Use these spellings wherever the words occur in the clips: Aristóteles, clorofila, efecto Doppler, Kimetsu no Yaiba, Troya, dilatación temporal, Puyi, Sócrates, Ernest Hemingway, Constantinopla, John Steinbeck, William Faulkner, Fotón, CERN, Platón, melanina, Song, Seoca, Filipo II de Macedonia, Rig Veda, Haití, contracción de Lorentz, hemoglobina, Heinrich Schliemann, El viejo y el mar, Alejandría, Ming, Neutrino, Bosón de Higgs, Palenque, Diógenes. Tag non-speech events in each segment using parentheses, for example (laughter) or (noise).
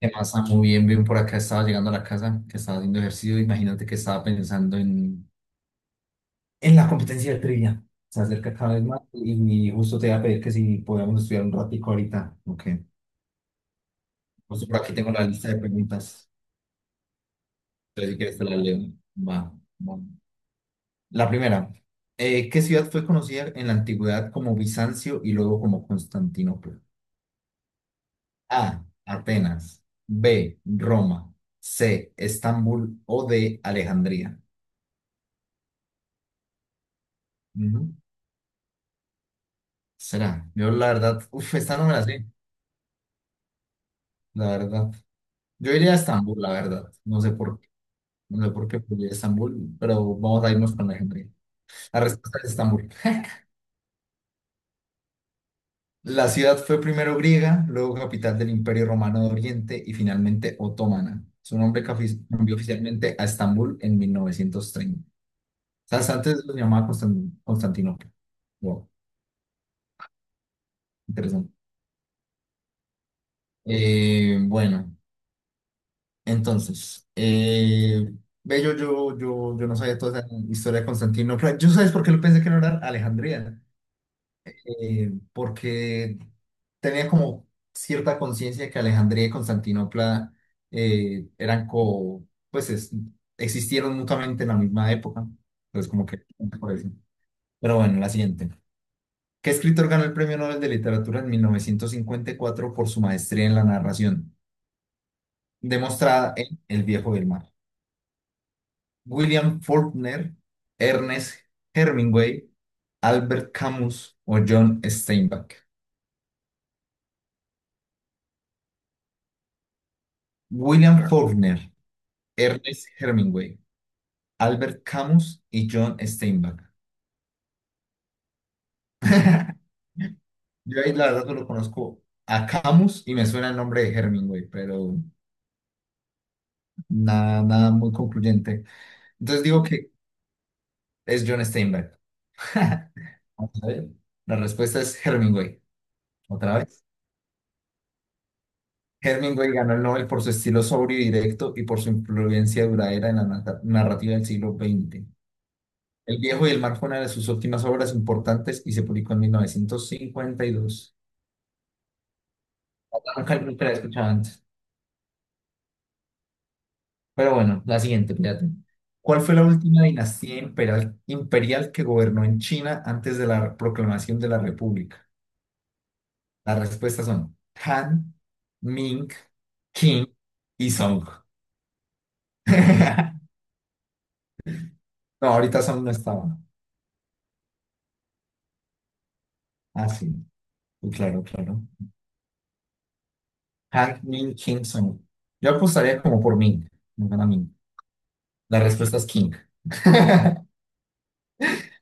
¿Qué más? Ah, muy bien, bien por acá. Estaba llegando a la casa, que estaba haciendo ejercicio. Imagínate que estaba pensando en la competencia de trivia. Se acerca cada vez más y justo te iba a pedir que si podíamos estudiar un ratico ahorita. Ok. Justo por aquí tengo la lista de preguntas. Entonces, si quieres te la leo. Va. Va. La primera. ¿Qué ciudad fue conocida en la antigüedad como Bizancio y luego como Constantinopla? A. Atenas. B. Roma. C. Estambul o D. Alejandría. Ujú. Será. Yo la verdad, (laughs) uff, esta no me la sé, la verdad. Yo iría a Estambul, la verdad. No sé por qué. No sé por qué pero iría a Estambul, pero vamos a irnos con la gente. La respuesta es Estambul. La ciudad fue primero griega, luego capital del Imperio Romano de Oriente y finalmente otomana. Su nombre cambió oficialmente a Estambul en 1930. ¿Sabes? Antes lo llamaba Constantinopla. Wow, interesante. Bueno. Entonces, ve, yo no sabía toda esa historia de Constantinopla. ¿Yo sabes por qué lo pensé que no era Alejandría? Porque tenía como cierta conciencia de que Alejandría y Constantinopla eh, eran co, pues existieron mutuamente en la misma época. Entonces, como que por eso. Pero bueno, la siguiente. ¿Qué escritor ganó el Premio Nobel de Literatura en 1954 por su maestría en la narración, demostrada en El Viejo del Mar? William Faulkner, Ernest Hemingway, Albert Camus o John Steinbeck. William Faulkner, Ernest Hemingway, Albert Camus y John Steinbeck. (laughs) Yo ahí la verdad solo conozco a Camus y me suena el nombre de Hemingway, pero nada, nada muy concluyente. Entonces digo que es John Steinbeck. (laughs) Vamos a ver. La respuesta es Hemingway. ¿Otra vez? Hemingway ganó el Nobel por su estilo sobrio y directo y por su influencia duradera en la narrativa del siglo XX. El viejo y el mar fue una de sus últimas obras importantes y se publicó en 1952. Nunca, nunca la he escuchado antes. Pero bueno, la siguiente, fíjate. ¿Cuál fue la última dinastía imperial que gobernó en China antes de la proclamación de la República? Las respuestas son Han, Ming, Qing y Song. (laughs) No, ahorita Song no estaba. Ah, sí. Claro, claro. Hank Min King Song. Yo apostaría como por Ming. No gana Ming. La respuesta es King. (laughs)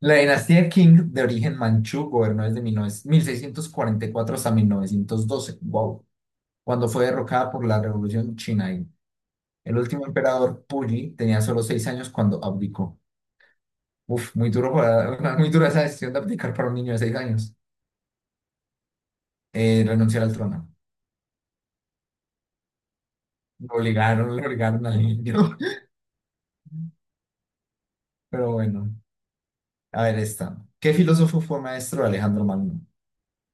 La dinastía King de origen manchú gobernó desde 19 1644 hasta 1912. Wow. Cuando fue derrocada por la Revolución China. Y el último emperador, Puyi, tenía solo 6 años cuando abdicó. Uf, (laughs) muy dura esa decisión de abdicar para un niño de 6 años. Renunciar al trono. Lo obligaron al niño. (laughs) Pero bueno. A ver esta. ¿Qué filósofo fue maestro de Alejandro Magno?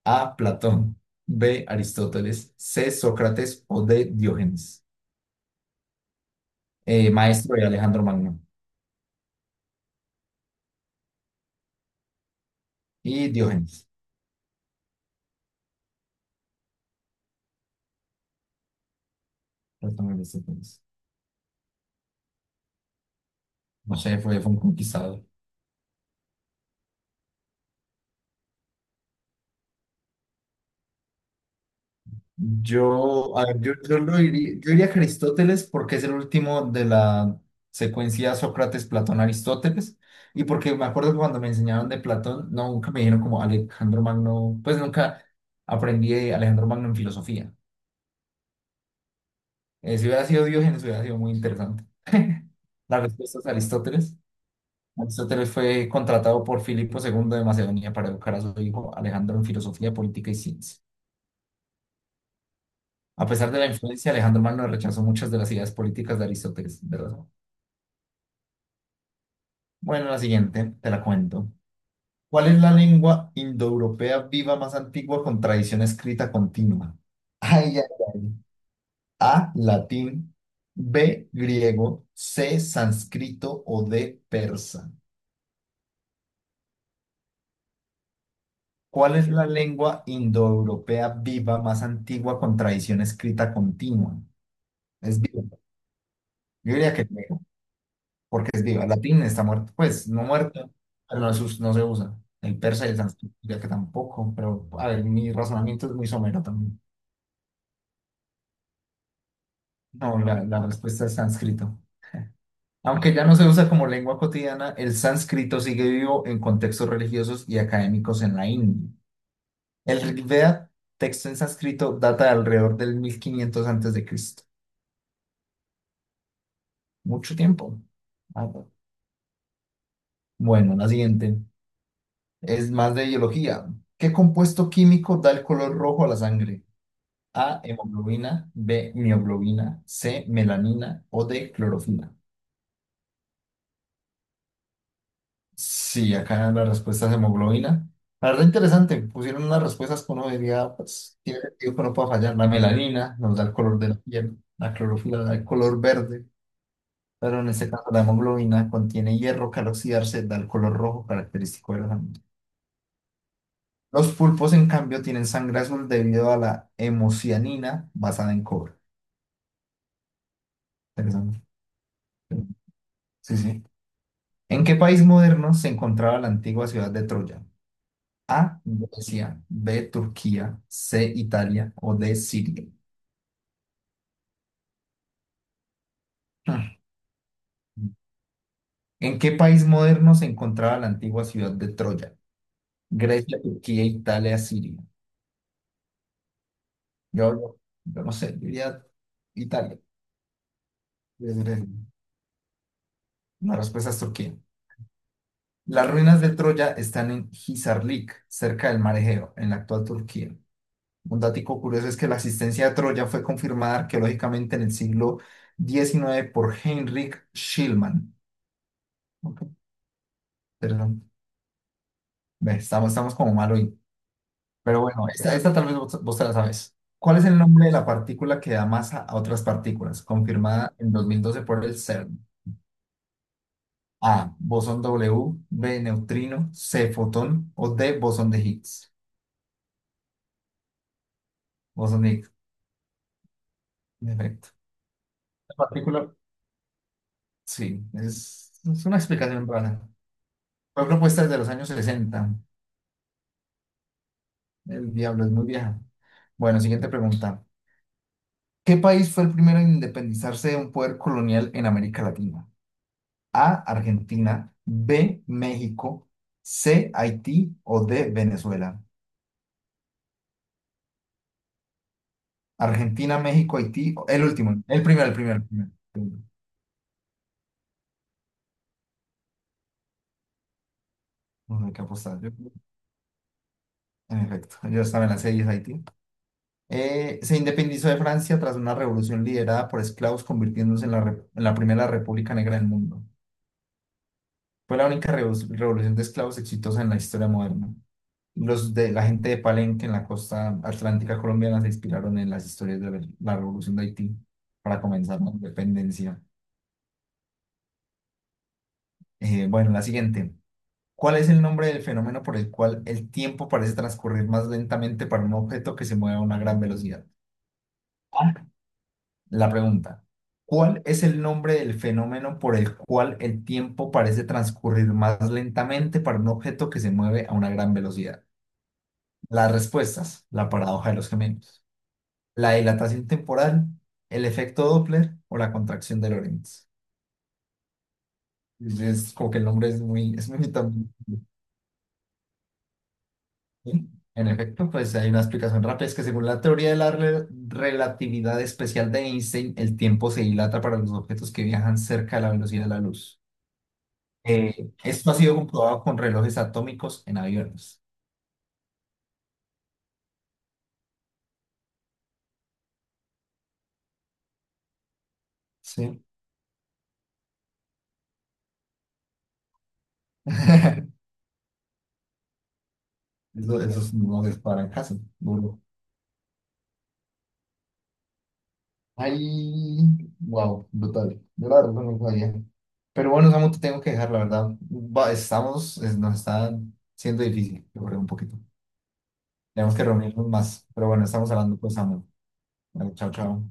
A. Platón. B. Aristóteles. C. Sócrates o D. Diógenes. Maestro de Alejandro Magno y Diógenes. Platón, Aristóteles. No sé, fue un conquistador. Yo, a ver, yo lo diría, yo diría que Aristóteles porque es el último de la secuencia Sócrates, Platón, Aristóteles. Y porque me acuerdo que cuando me enseñaron de Platón, no, nunca me dijeron como Alejandro Magno, pues nunca aprendí de Alejandro Magno en filosofía. Si hubiera sido Diógenes, hubiera sido muy interesante. (laughs) La respuesta es Aristóteles. Aristóteles fue contratado por Filipo II de Macedonia para educar a su hijo Alejandro en filosofía, política y ciencia. A pesar de la influencia, Alejandro Magno rechazó muchas de las ideas políticas de Aristóteles, ¿verdad? Bueno, la siguiente, te la cuento. ¿Cuál es la lengua indoeuropea viva más antigua con tradición escrita continua? Ay, ay, ay. A, latín, B, griego, C, sánscrito o D, persa. ¿Cuál es la lengua indoeuropea viva más antigua con tradición escrita continua? Es viva. Yo diría que es viva, porque es viva. El latín está muerto, pues no muerto, pero no, no se usa. El persa y el sánscrito diría que tampoco, pero a ver, mi razonamiento es muy somero también. No, la respuesta es sánscrito. Aunque ya no se usa como lengua cotidiana, el sánscrito sigue vivo en contextos religiosos y académicos en la India. El Rig Veda, texto en sánscrito, data de alrededor del 1500 antes de Cristo. Mucho tiempo. Ah, bueno, la siguiente es más de biología. ¿Qué compuesto químico da el color rojo a la sangre? A, hemoglobina, B, mioglobina, C, melanina o D, clorofila. Sí, acá la respuesta es hemoglobina. La verdad interesante, pusieron unas respuestas que uno diría, pues tiene sentido que no pueda fallar. La melanina nos da el color de la piel, la clorofila da el color verde, pero en este caso la hemoglobina contiene hierro que al oxidarse da el color rojo característico de la sangre. Los pulpos, en cambio, tienen sangre azul debido a la hemocianina basada en cobre. Interesante. Sí, sí. ¿En qué país moderno se encontraba la antigua ciudad de Troya? A, Grecia, B, Turquía, C, Italia o D, Siria. (clears throat) Hmm. ¿En qué país moderno se encontraba la antigua ciudad de Troya? Grecia, Turquía, Italia, Siria. Yo, yo, yo no sé, diría Italia. Es Grecia. La respuesta es Turquía. Las ruinas de Troya están en Hisarlik, cerca del Mar Egeo, en la actual Turquía. Un dato curioso es que la existencia de Troya fue confirmada arqueológicamente en el siglo XIX por Heinrich Schliemann. Ok, perdón. Ve, estamos como mal hoy. Pero bueno, esta tal vez vos te la sabes. ¿Cuál es el nombre de la partícula que da masa a otras partículas? Confirmada en 2012 por el CERN. A. Bosón W, B. Neutrino, C. Fotón o D. Bosón de Higgs. Bosón de Higgs. Perfecto. Partícula, sí, es una explicación rara. Fue propuesta desde los años 60. El diablo es muy vieja. Bueno, siguiente pregunta. ¿Qué país fue el primero en independizarse de un poder colonial en América Latina? A, Argentina, B, México, C, Haití o D, Venezuela. Argentina, México, Haití, el último, el primero, el primero, el primero. No hay que apostar. En efecto, yo estaba en la serie Haití. Se independizó de Francia tras una revolución liderada por esclavos, convirtiéndose en la primera república negra del mundo. Fue la única revolución de esclavos exitosa en la historia moderna. Los de la gente de Palenque en la costa atlántica colombiana se inspiraron en las historias de la revolución de Haití para comenzar la independencia. Bueno, la siguiente. ¿Cuál es el nombre del fenómeno por el cual el tiempo parece transcurrir más lentamente para un objeto que se mueve a una gran velocidad? La pregunta, ¿cuál es el nombre del fenómeno por el cual el tiempo parece transcurrir más lentamente para un objeto que se mueve a una gran velocidad? Las respuestas, la paradoja de los gemelos, la dilatación temporal, el efecto Doppler o la contracción de Lorentz. Es como que el nombre es muy también. ¿Sí? En efecto, pues hay una explicación rápida, es que según la teoría de la relatividad especial de Einstein, el tiempo se dilata para los objetos que viajan cerca de la velocidad de la luz. Esto ha sido comprobado con relojes atómicos en aviones. Sí. (laughs) Esos no se paran casi, duro. Ay, wow, brutal. Yo la verdad no lo sabía. Pero bueno, Samu, te tengo que dejar, la verdad. Estamos, nos está siendo difícil, yo creo, un poquito. Tenemos que reunirnos más. Pero bueno, estamos hablando, pues, Samu. Vale, chao, chao.